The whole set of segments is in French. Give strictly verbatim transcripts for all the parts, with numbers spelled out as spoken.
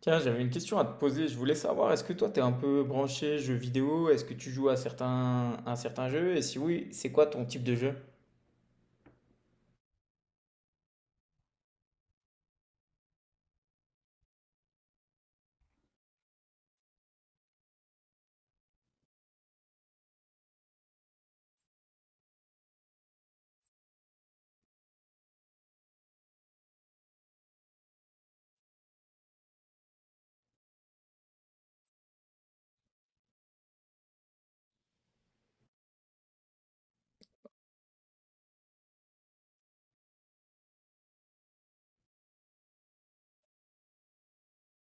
Tiens, j'avais une question à te poser. Je voulais savoir, est-ce que toi, t'es un peu branché jeux vidéo? Est-ce que tu joues à certains, à certains jeux? Et si oui, c'est quoi ton type de jeu?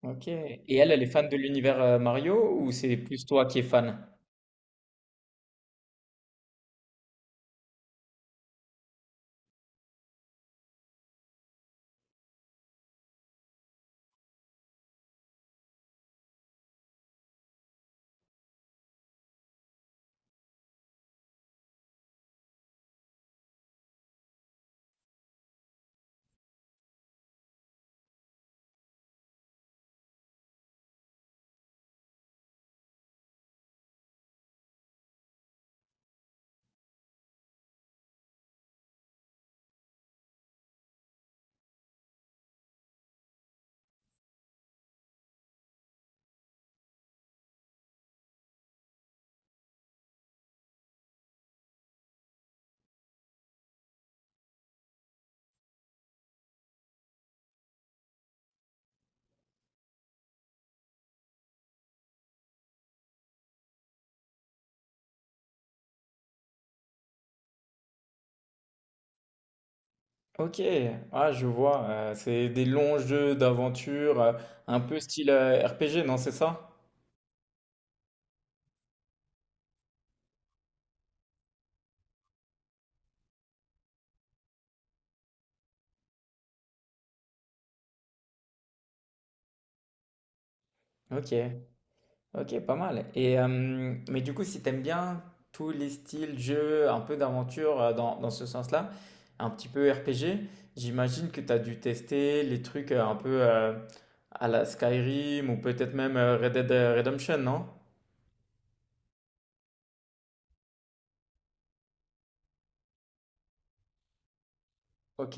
Ok. Et elle, elle est fan de l'univers euh, Mario ou c'est plus toi qui es fan? Ok. Ah, je vois. Euh, c'est des longs jeux d'aventure, euh, un peu style euh, R P G, non, c'est ça? Ok. Ok, pas mal. Et, euh, mais du coup, si t'aimes bien tous les styles jeux, un peu d'aventure euh, dans, dans ce sens-là, un petit peu R P G, j'imagine que t'as dû tester les trucs euh, un peu euh, à la Skyrim ou peut-être même euh, Red Dead euh, Redemption, non? Ok,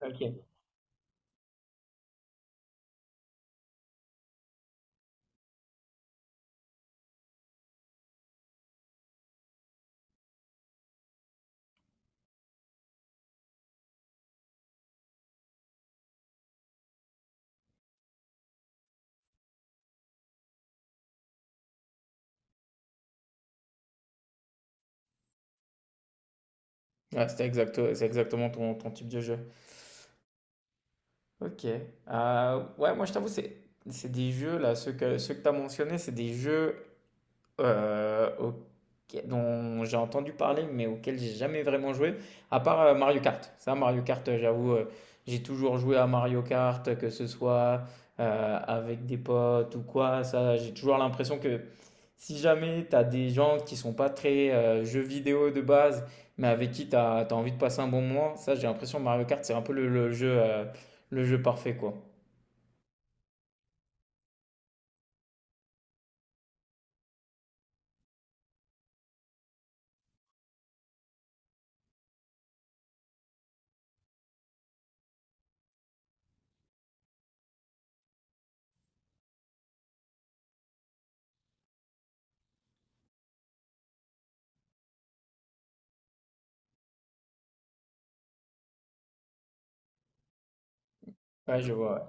ok. Ouais, c'était exacto- c'est exactement ton, ton type de jeu. Ok. Euh, ouais, moi je t'avoue, c'est, c'est des jeux, là, ceux que, ceux que tu as mentionnés, c'est des jeux Heu, auquel dont j'ai entendu parler, mais auquel j'ai jamais vraiment joué, à part, heu, Mario Kart. Ça, Mario Kart, heu, j'avoue, heu, j'ai toujours joué à Mario Kart, que ce soit, heu, avec des potes ou quoi. Ça, j'ai toujours l'impression que si jamais tu as des gens qui sont pas très, heu, jeux vidéo de base, mais avec qui tu as envie de passer un bon moment, ça, j'ai l'impression que Mario Kart, c'est un peu le le jeu, heu, le jeu parfait, quoi. Ouais, je vois, ouais.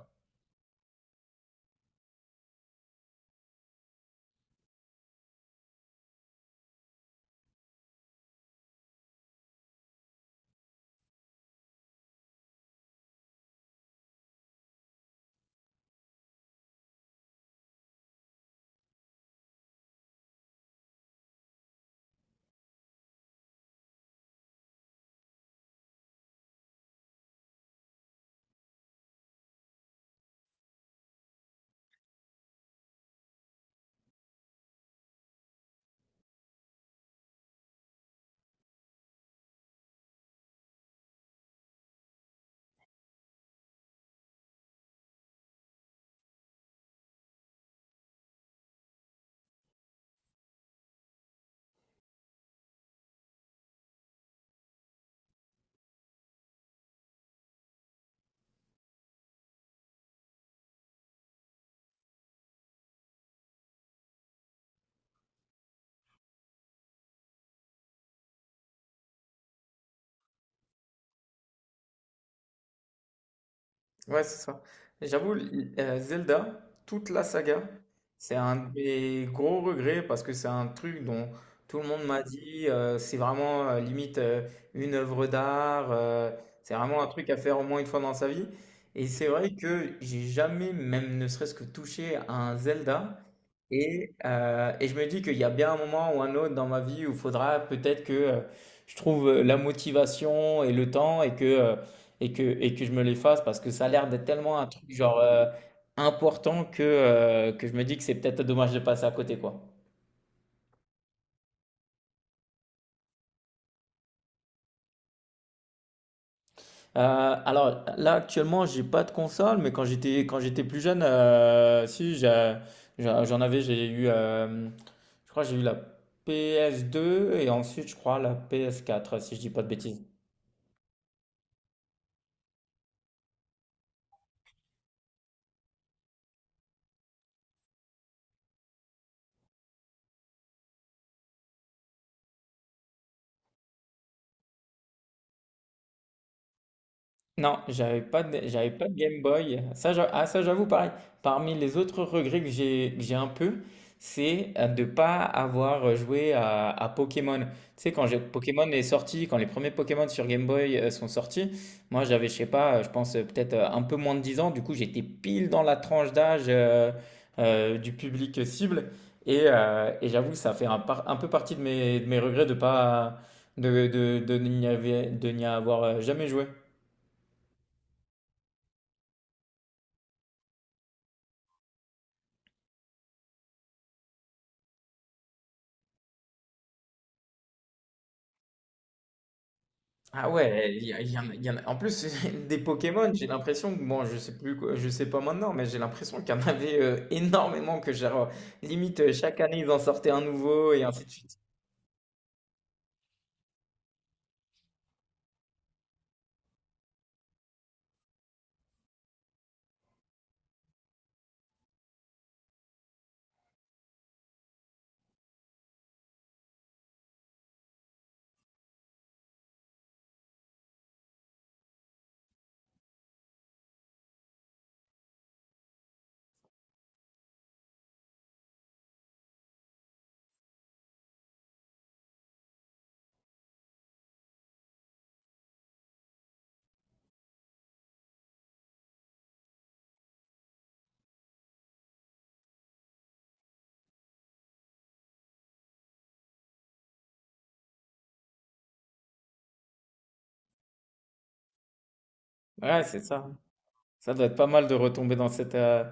Ouais, c'est ça. J'avoue, l- euh, Zelda, toute la saga, c'est un de mes gros regrets parce que c'est un truc dont tout le monde m'a dit, euh, c'est vraiment euh, limite euh, une œuvre d'art, euh, c'est vraiment un truc à faire au moins une fois dans sa vie. Et c'est vrai que j'ai jamais, même ne serait-ce que touché à un Zelda et, euh, et je me dis qu'il y a bien un moment ou un autre dans ma vie où il faudra peut-être que euh, je trouve euh, la motivation et le temps et que, euh, et que, et que je me les fasse parce que ça a l'air d'être tellement un truc genre euh, important que, euh, que je me dis que c'est peut-être dommage de passer à côté quoi. Euh, alors là actuellement j'ai pas de console mais quand j'étais quand j'étais plus jeune euh, si j'ai- j'ai- j'en avais j'ai eu euh, je crois que j'ai eu la ps deux et ensuite je crois la ps quatre si je dis pas de bêtises. Non, j'avais pas de, j'avais pas de Game Boy. Ça, j'a- ah, ça, j'avoue, pareil. Parmi les autres regrets que j'ai, que j'ai un peu, c'est euh, de pas avoir joué à, à Pokémon. Tu sais, quand j'ai- Pokémon est sorti, quand les premiers Pokémon sur Game Boy euh, sont sortis, moi, j'avais, je sais pas, euh, je pense euh, peut-être euh, un peu moins de dix ans. Du coup, j'étais pile dans la tranche d'âge euh, euh, du public cible. Et, euh, et j'avoue que ça fait un, par- un peu partie de mes, de mes regrets de pas, de, de, de n'y avoir, de n'y avoir euh, jamais joué. Ah ouais, il y, a- il y en a, il y en a- En plus, des Pokémon, j'ai l'impression que, bon, je sais plus, quoi- je sais pas maintenant, mais j'ai l'impression qu'il y en avait euh, énormément, que genre, limite, euh, chaque année, ils en sortaient un nouveau, et ainsi de suite. Ouais, c'est ça. Ça doit être pas mal de retomber dans cette, euh,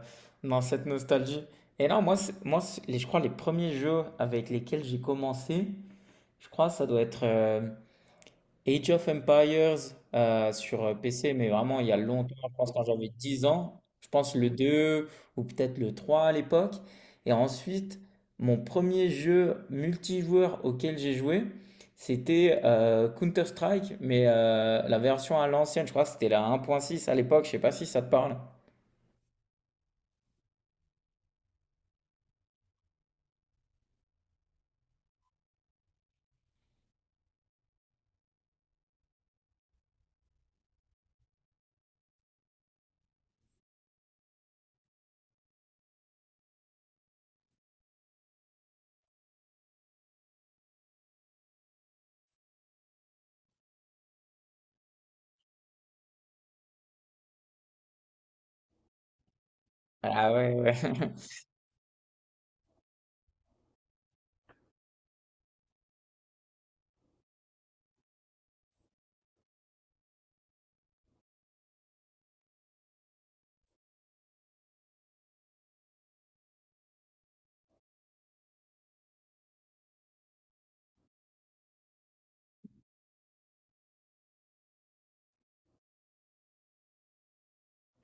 dans cette nostalgie. Et non, moi, c'est- moi c'est- les- je crois les premiers jeux avec lesquels j'ai commencé, je crois, ça doit être Age of Empires euh, sur P C, mais vraiment il y a longtemps, je pense quand j'avais dix ans, je pense le deux ou peut-être le trois à l'époque. Et ensuite, mon premier jeu multijoueur auquel j'ai joué, c'était euh, Counter-Strike, mais euh, la version à l'ancienne, je crois que c'était la un point six à l'époque, je sais pas si ça te parle. Ah ouais, ouais.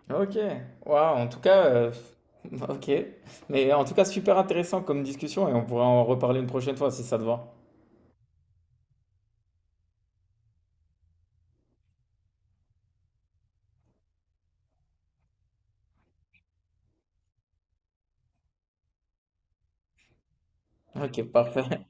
Ok, waouh, en tout cas, euh, ok. Mais en tout cas, super intéressant comme discussion et on pourra en reparler une prochaine fois si ça te va. Ok, parfait.